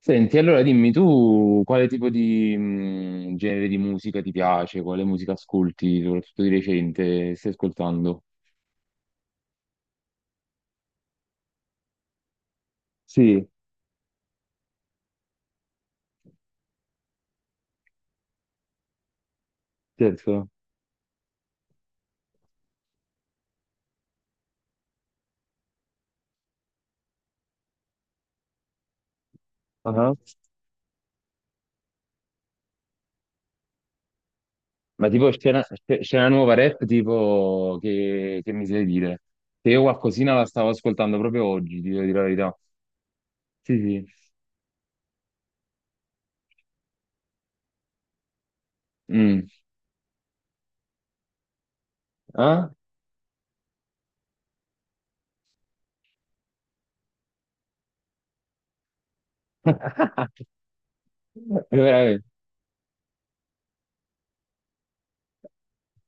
Senti, allora dimmi tu quale tipo di genere di musica ti piace, quale musica ascolti, soprattutto di recente, stai ascoltando? Sì, certo. Ah. Ma tipo scena, scena nuova rap, tipo che mi sai dire? Se io qualcosina la stavo ascoltando proprio oggi, ti devo dire la verità. Sì, sì. Mm. Ah? Veramente,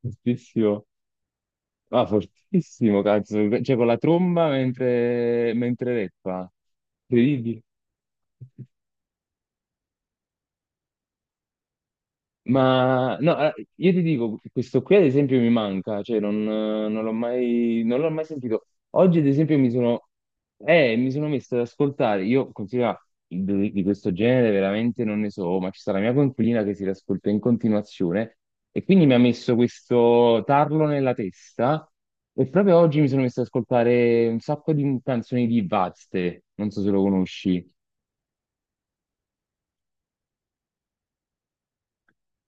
giustissimo. Ah, fortissimo, cazzo. Cioè, con la tromba mentre reppa. Incredibile. Ma no, io ti dico, questo qui ad esempio mi manca, cioè non l'ho mai, non l'ho mai sentito. Oggi ad esempio mi sono messo ad ascoltare, io considero di questo genere veramente non ne so, ma ci sta la mia coinquilina che si riascolta in continuazione e quindi mi ha messo questo tarlo nella testa e proprio oggi mi sono messo ad ascoltare un sacco di canzoni di Vazte, non so se lo conosci.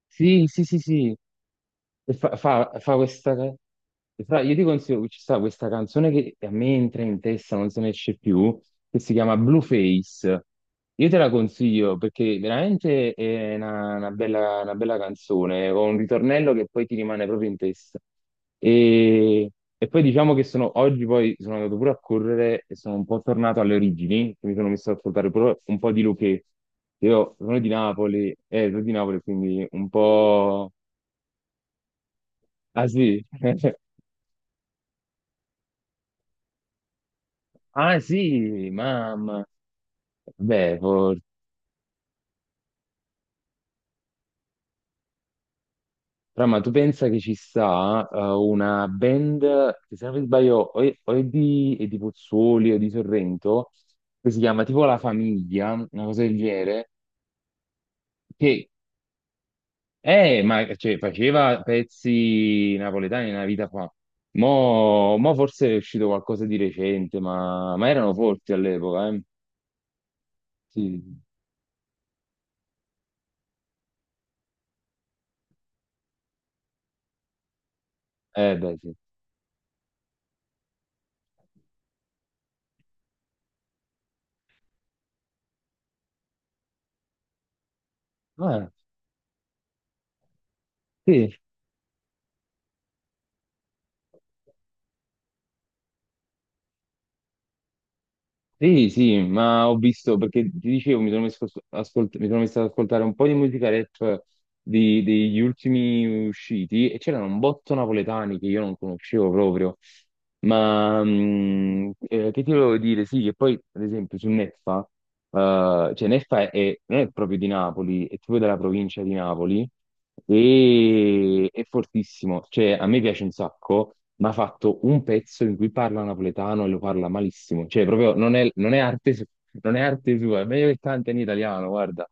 Sì, sì, sì, sì. E fa questa... e io ti consiglio che ci sta questa canzone che a me entra in testa, non se ne esce più, che si chiama Blueface. Io te la consiglio perché veramente è una bella canzone, con un ritornello che poi ti rimane proprio in testa. E, e poi diciamo che sono, oggi poi sono andato pure a correre e sono un po' tornato alle origini, mi sono messo ad ascoltare pure un po' di Luchè. Io sono di Napoli, quindi un po'... Ah sì? Ah sì, mamma. Beh, for... Però, ma tu pensa che ci sta una band, che se non mi sbaglio, o è, è di Pozzuoli o di Sorrento, che si chiama tipo La Famiglia, una cosa del genere, che ma, cioè, faceva pezzi napoletani nella vita fa. Mo forse è uscito qualcosa di recente, ma erano forti all'epoca, eh. Sì, eh beh sì. Ah, sì, sì, sì, ma ho visto, perché ti dicevo, mi sono messo, a mi sono messo ad ascoltare un po' di musica rap degli ultimi usciti e c'erano un botto napoletani che io non conoscevo proprio, ma che ti volevo dire, sì, che poi ad esempio su Neffa, cioè Neffa non è proprio di Napoli, è proprio della provincia di Napoli e è fortissimo, cioè a me piace un sacco. Ma ha fatto un pezzo in cui parla napoletano e lo parla malissimo. Cioè, proprio non è arte, non è arte sua, è meglio che canta in italiano, guarda.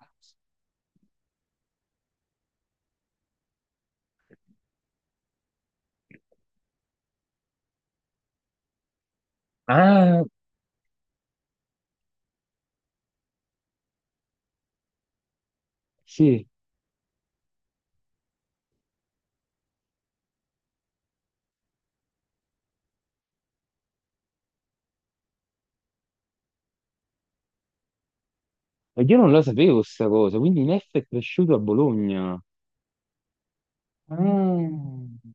Ah, sì. E io non lo sapevo sta cosa, quindi Neff è cresciuto a Bologna. Ah.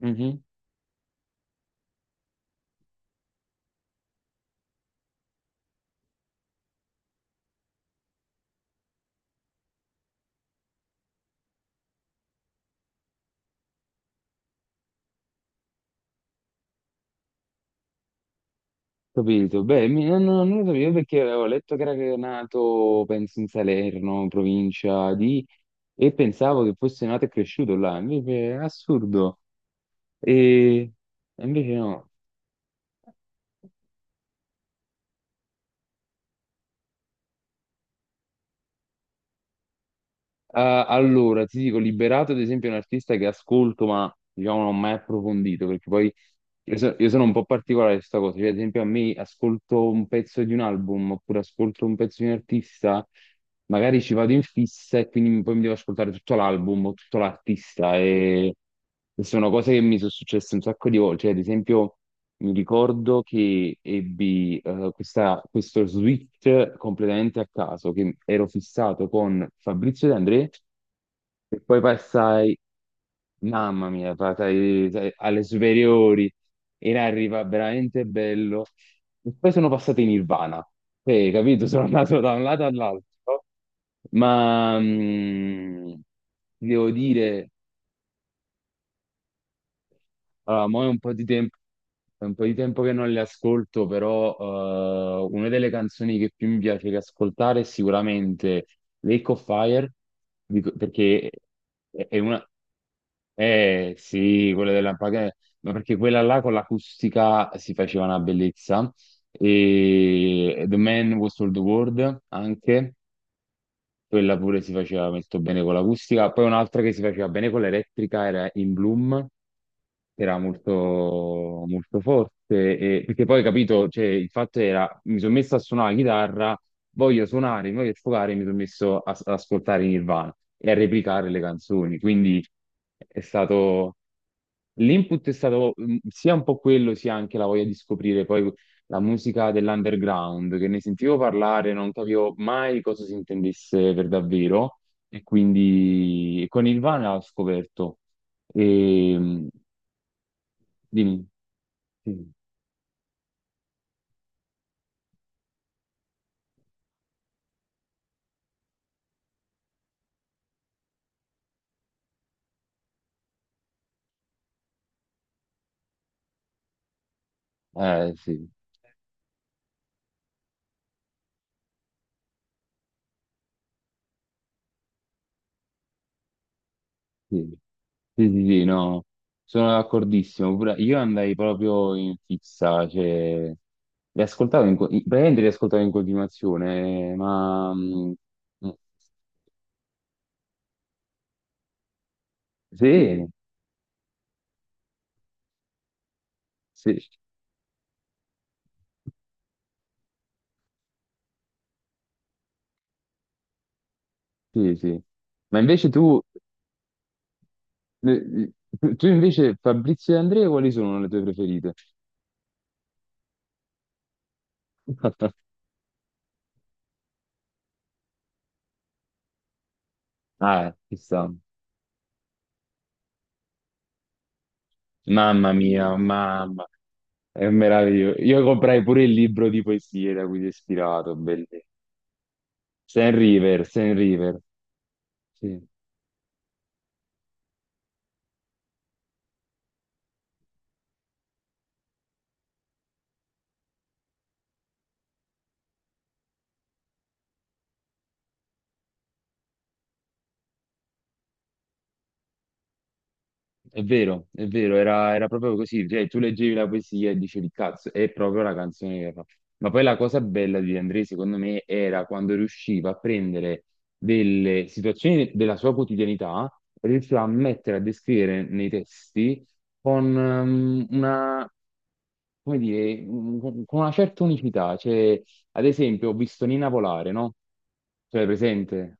Mhm. Capito, beh, non lo sapevo perché avevo letto che era nato, penso, in Salerno, provincia di, e pensavo che fosse nato e cresciuto là, invece è assurdo. E e invece no. Eh, allora, ti dico, Liberato ad esempio è un artista che ascolto, ma diciamo non ho mai approfondito, perché poi io sono un po' particolare su questa cosa, cioè ad esempio a me ascolto un pezzo di un album oppure ascolto un pezzo di un artista, magari ci vado in fissa e quindi poi mi devo ascoltare tutto l'album o tutto l'artista e sono cose che mi sono successe un sacco di volte, cioè ad esempio... Mi ricordo che ebbi questo switch completamente a caso, che ero fissato con Fabrizio De André e poi passai, mamma mia, passai, sai, alle superiori, era arriva veramente bello. E poi sono passato in Nirvana. Capito? Sono andato da un lato all'altro, ma ti devo dire, allora, mo è un po' di tempo, è un po' di tempo che non le ascolto, però una delle canzoni che più mi piace che ascoltare è sicuramente Lake of Fire, perché è una... Eh sì, quella della ma perché quella là con l'acustica si faceva una bellezza. E The Man Who Sold the World anche. Quella pure si faceva molto bene con l'acustica. Poi un'altra che si faceva bene con l'elettrica era In Bloom, che era molto, molto forte. Perché poi, capito, cioè, il fatto era, mi sono messo a suonare la chitarra, voglio suonare, mi voglio sfogare, mi sono messo ad ascoltare Nirvana e a replicare le canzoni. Quindi è stato... L'input è stato sia un po' quello, sia anche la voglia di scoprire poi la musica dell'underground, che ne sentivo parlare, non capivo mai cosa si intendesse per davvero, e quindi con Nirvana l'ho scoperto. E, dimmi, sì, sì, sì, sì, sì, sì, no, sono d'accordissimo. Pure io andai proprio in fissa, cioè, li ascoltavo in, co- praticamente li ascoltavo in continuazione, ma... mm, sì, sì, sì, sì. Ma invece tu, eh, tu invece Fabrizio e Andrea, quali sono le tue preferite? Ah, ci sta. Mamma mia, mamma, è meraviglioso. Io comprai pure il libro di poesie da cui si è ispirato, bellissimo. Saint River, Saint River. Sì. È vero, era proprio così, cioè tu leggevi la poesia e dicevi cazzo, è proprio la canzone che fa. Ma poi la cosa bella di De André, secondo me, era quando riusciva a prendere delle situazioni della sua quotidianità, riusciva a mettere, a descrivere nei testi con una, come dire, un- con una certa unicità. Cioè, ad esempio, ho visto Nina volare, no? Cioè, presente?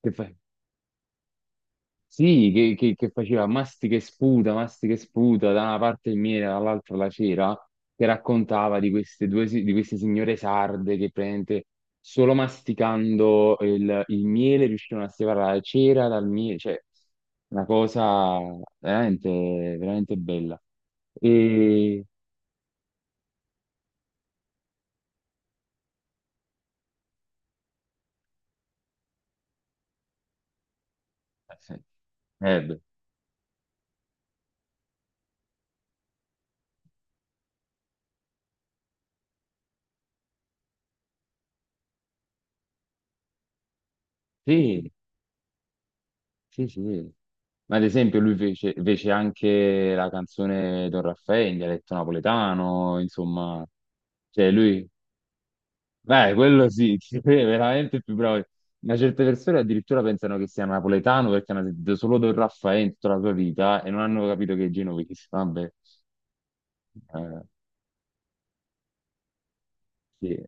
Che fa- sì, che faceva mastica e sputa, da una parte il miele, dall'altra la cera, che raccontava di queste due, di queste signore sarde che praticamente solo masticando il miele riuscivano a separare la cera dal miele, cioè una cosa veramente, veramente bella. E... sì, beh, sì, sì, sì. Ma ad esempio lui fece, fece anche la canzone Don Raffaele in dialetto napoletano, insomma, cioè lui, beh, quello sì, sì, è veramente il più bravo. Ma certe persone addirittura pensano che sia napoletano perché hanno sentito solo Don Raffaele in tutta la sua vita e non hanno capito che è genovese, vabbè. Eh, sì.